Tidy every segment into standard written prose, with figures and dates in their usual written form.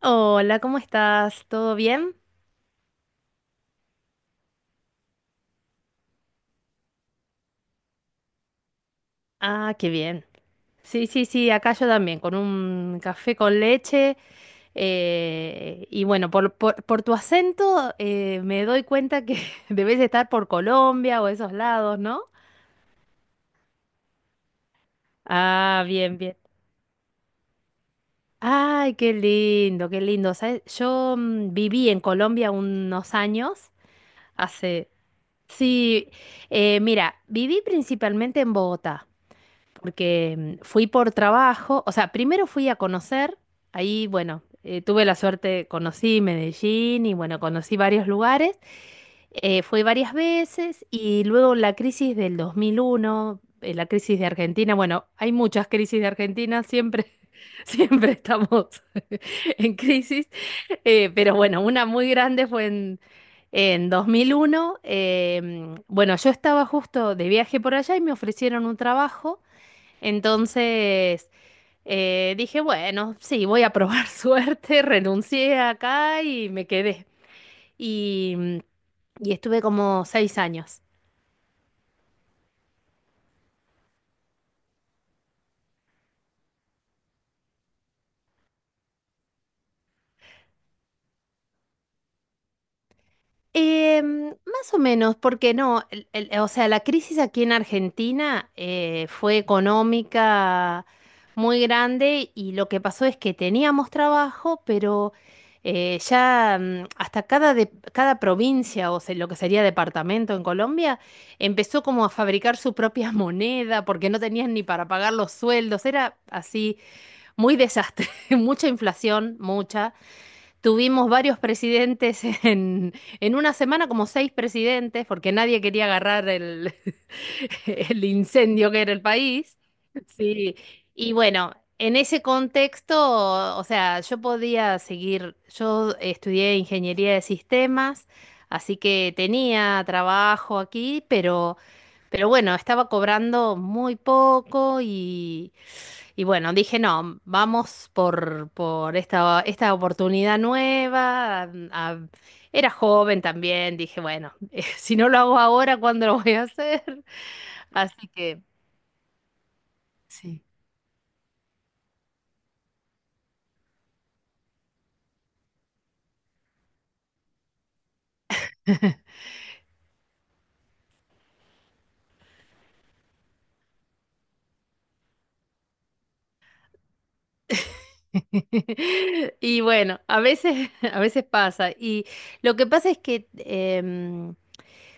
Hola, ¿cómo estás? ¿Todo bien? Ah, qué bien. Sí, sí, sí, acá yo también, con un café con leche. Y bueno, por tu acento, me doy cuenta que debes estar por Colombia o esos lados, ¿no? Ah, bien, bien. Ay, qué lindo, qué lindo. ¿Sabes? Yo viví en Colombia unos años, hace... Sí, mira, viví principalmente en Bogotá. Porque fui por trabajo, o sea, primero fui a conocer. Ahí, bueno, tuve la suerte, conocí Medellín y bueno, conocí varios lugares. Fui varias veces y luego la crisis del 2001, la crisis de Argentina. Bueno, hay muchas crisis de Argentina, siempre, siempre estamos en crisis. Pero bueno, una muy grande fue en 2001. Bueno, yo estaba justo de viaje por allá y me ofrecieron un trabajo, entonces dije, bueno, sí, voy a probar suerte, renuncié acá y me quedé. Y, y estuve como 6 años. Más o menos, porque no, o sea, la crisis aquí en Argentina fue económica muy grande, y lo que pasó es que teníamos trabajo, pero ya, hasta cada provincia, o sea, lo que sería departamento en Colombia, empezó como a fabricar su propia moneda porque no tenían ni para pagar los sueldos. Era así muy desastre, mucha inflación, mucha. Tuvimos varios presidentes en una semana, como seis presidentes, porque nadie quería agarrar el incendio que era el país. Sí, y bueno, en ese contexto, o sea, yo podía seguir. Yo estudié ingeniería de sistemas, así que tenía trabajo aquí, pero bueno, estaba cobrando muy poco, y bueno, dije, no, vamos por esta oportunidad nueva. Era joven también, dije, bueno, si no lo hago ahora, ¿cuándo lo voy a hacer? Así que sí. Y bueno, a veces, a veces pasa. Y lo que pasa es que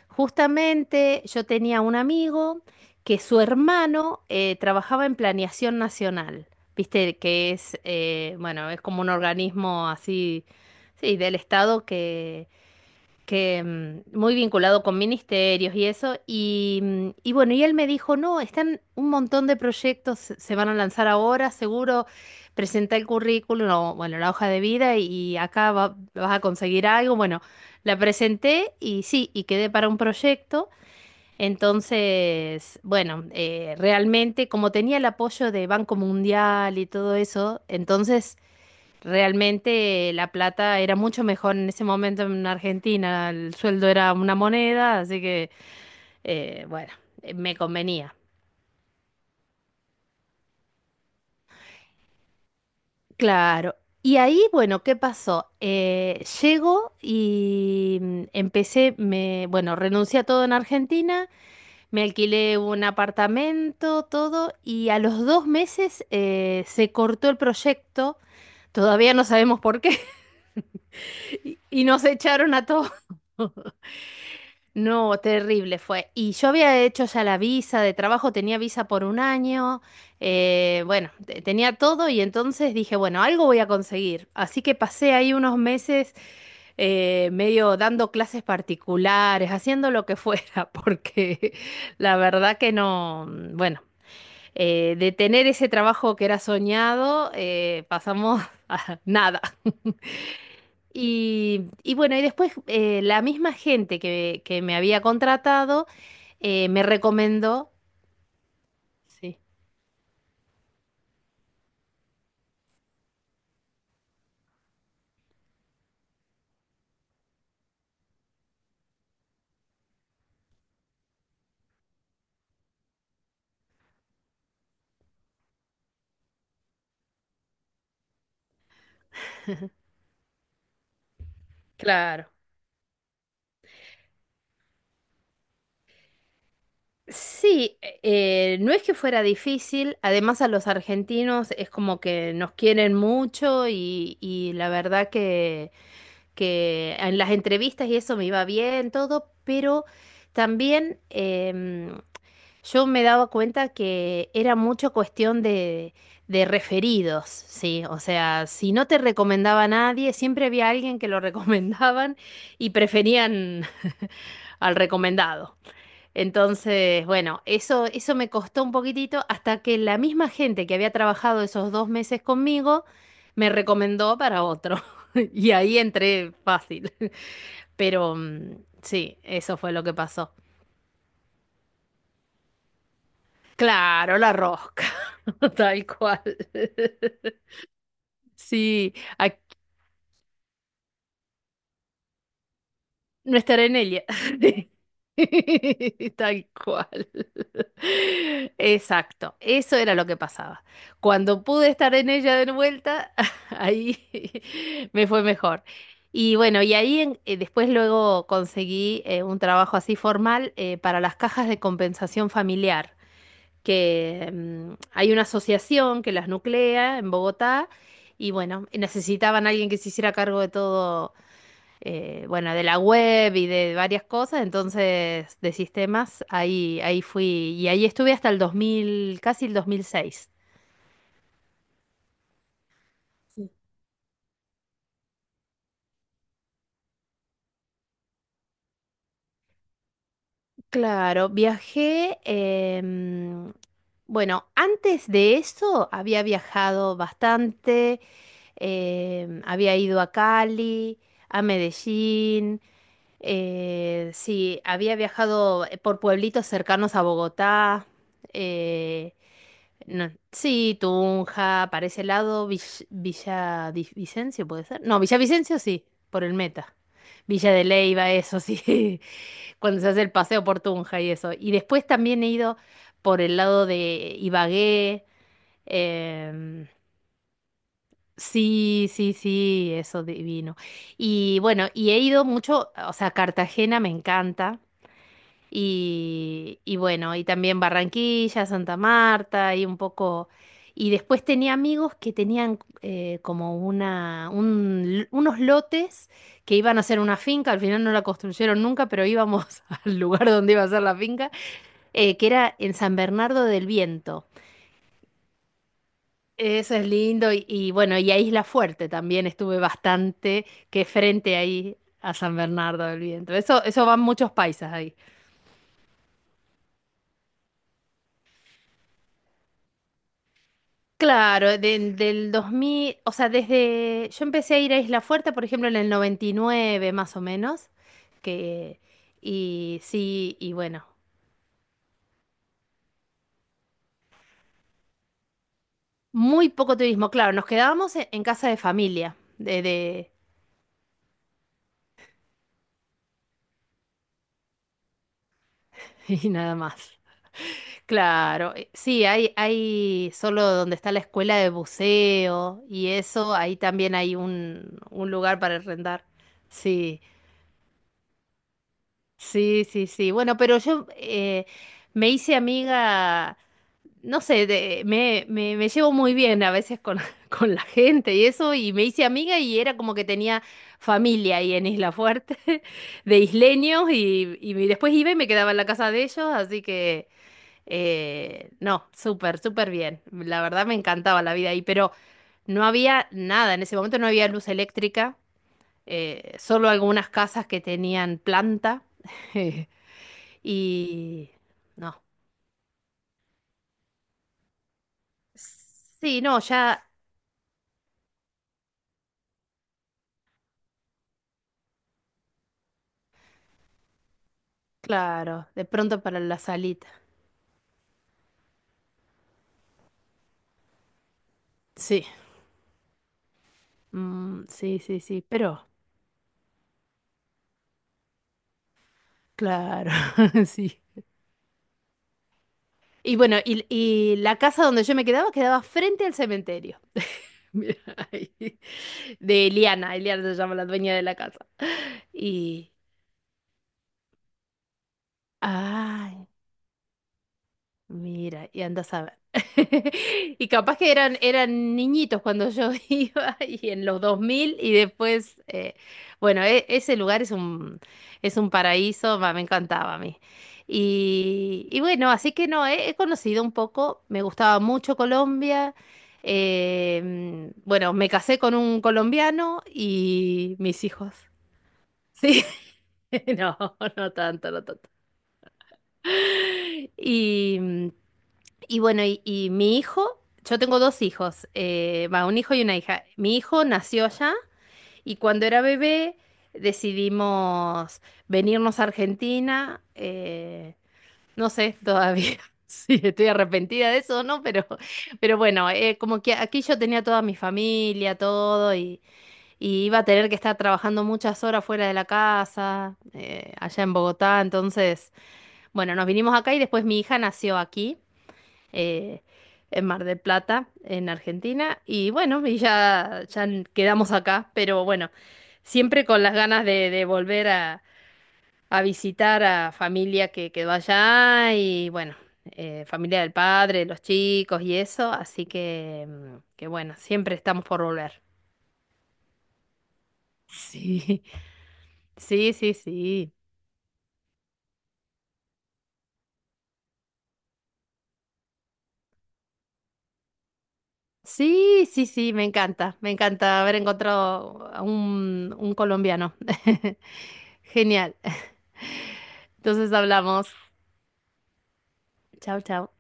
justamente yo tenía un amigo que su hermano trabajaba en Planeación Nacional, viste, que es, bueno, es como un organismo así, sí, del Estado, que muy vinculado con ministerios y eso. Y, y bueno, y él me dijo, no, están un montón de proyectos, se van a lanzar ahora, seguro, presenta el currículum, o, bueno, la hoja de vida y acá vas a conseguir algo. Bueno, la presenté y sí, y quedé para un proyecto. Entonces, bueno, realmente como tenía el apoyo de Banco Mundial y todo eso, entonces realmente la plata era mucho mejor en ese momento en Argentina, el sueldo era una moneda, así que bueno, me convenía. Claro. Y ahí, bueno, ¿qué pasó? Llego y empecé, me, bueno, renuncié a todo en Argentina, me alquilé un apartamento, todo, y a los 2 meses se cortó el proyecto, todavía no sabemos por qué. Y nos echaron a todos. No, terrible fue. Y yo había hecho ya la visa de trabajo, tenía visa por un año, bueno, tenía todo y entonces dije, bueno, algo voy a conseguir. Así que pasé ahí unos meses medio dando clases particulares, haciendo lo que fuera, porque la verdad que no, bueno, de tener ese trabajo que era soñado, pasamos a nada. Y bueno, y después la misma gente que, me había contratado, me recomendó. Sí. Claro. Sí, no es que fuera difícil, además a los argentinos es como que nos quieren mucho. Y la verdad que en las entrevistas y eso me iba bien todo, pero también yo me daba cuenta que era mucho cuestión de referidos, sí. O sea, si no te recomendaba a nadie, siempre había alguien que lo recomendaban y preferían al recomendado. Entonces, bueno, eso me costó un poquitito hasta que la misma gente que había trabajado esos 2 meses conmigo me recomendó para otro. Y ahí entré fácil. Pero sí, eso fue lo que pasó. Claro, la rosca, tal cual. Sí, ac- no estaré en ella. Tal cual. Exacto, eso era lo que pasaba. Cuando pude estar en ella de vuelta, ahí me fue mejor. Y bueno, y ahí después luego conseguí un trabajo así formal, para las cajas de compensación familiar, que hay una asociación que las nuclea en Bogotá. Y bueno, necesitaban a alguien que se hiciera cargo de todo, bueno, de la web y de varias cosas, entonces de sistemas. Ahí fui, y ahí estuve hasta el 2000, casi el 2006. Sí. Claro, viajé. Bueno, antes de eso había viajado bastante. Había ido a Cali, a Medellín, sí, había viajado por pueblitos cercanos a Bogotá. eh, No, sí, Tunja, para ese lado. Villa, Vicencio puede ser. No, Villavicencio sí, por el Meta. Villa de Leyva, eso sí, cuando se hace el paseo por Tunja y eso. Y después también he ido por el lado de Ibagué. em, sí, sí, sí, eso divino. Y bueno, y he ido mucho, o sea, Cartagena me encanta. Y bueno, y también Barranquilla, Santa Marta y un poco... Y después tenía amigos que tenían como unos lotes que iban a hacer una finca. Al final no la construyeron nunca, pero íbamos al lugar donde iba a ser la finca, que era en San Bernardo del Viento. Eso es lindo. Y bueno, y a Isla Fuerte también estuve bastante, que es frente ahí a San Bernardo del Viento. Eso, van muchos paisas ahí. Claro, del 2000, o sea, desde yo empecé a ir a Isla Fuerte, por ejemplo, en el 99 más o menos, que y sí, y bueno, muy poco turismo, claro, nos quedábamos en casa de familia, de y nada más. Claro, sí, hay solo donde está la escuela de buceo y eso, ahí también hay un lugar para rentar. Sí. Sí, sí, sí. Bueno, pero yo me hice amiga, no sé, me llevo muy bien a veces con, con la gente y eso, y me hice amiga y era como que tenía familia ahí en Isla Fuerte, de isleños. Y después iba y me quedaba en la casa de ellos, así que no, súper, súper bien. La verdad me encantaba la vida ahí, pero no había nada. En ese momento no había luz eléctrica, solo algunas casas que tenían planta, y... No. Sí, no, ya. Claro, de pronto para la salita. Sí, sí, sí, sí, pero claro, sí. Y bueno, y la casa donde yo me quedaba quedaba frente al cementerio. Mira, ahí. De Eliana, Eliana se llama la dueña de la casa. Y, ay, mira, y andas a ver. Y capaz que eran niñitos cuando yo iba y en los 2000 y después, bueno, ese lugar es un paraíso, va, me encantaba a mí. Y bueno, así que no, he conocido un poco, me gustaba mucho Colombia. Bueno, me casé con un colombiano y mis hijos. Sí, no, no tanto, no tanto. Y, y bueno, y mi hijo, yo tengo dos hijos, va, un hijo y una hija. Mi hijo nació allá y cuando era bebé decidimos venirnos a Argentina. No sé todavía si estoy arrepentida de eso o no, pero bueno, como que aquí yo tenía toda mi familia, todo, y iba a tener que estar trabajando muchas horas fuera de la casa, allá en Bogotá. Entonces, bueno, nos vinimos acá y después mi hija nació aquí, eh, en Mar del Plata, en Argentina. Y bueno, y ya quedamos acá, pero bueno, siempre con las ganas de volver a visitar a familia que quedó allá. Y bueno, familia del padre, los chicos y eso. Así que, que bueno, siempre estamos por volver. Sí, sí, sí, sí. Sí, sí, sí, me encanta haber encontrado a un colombiano. Genial. Entonces hablamos. Chao, chao.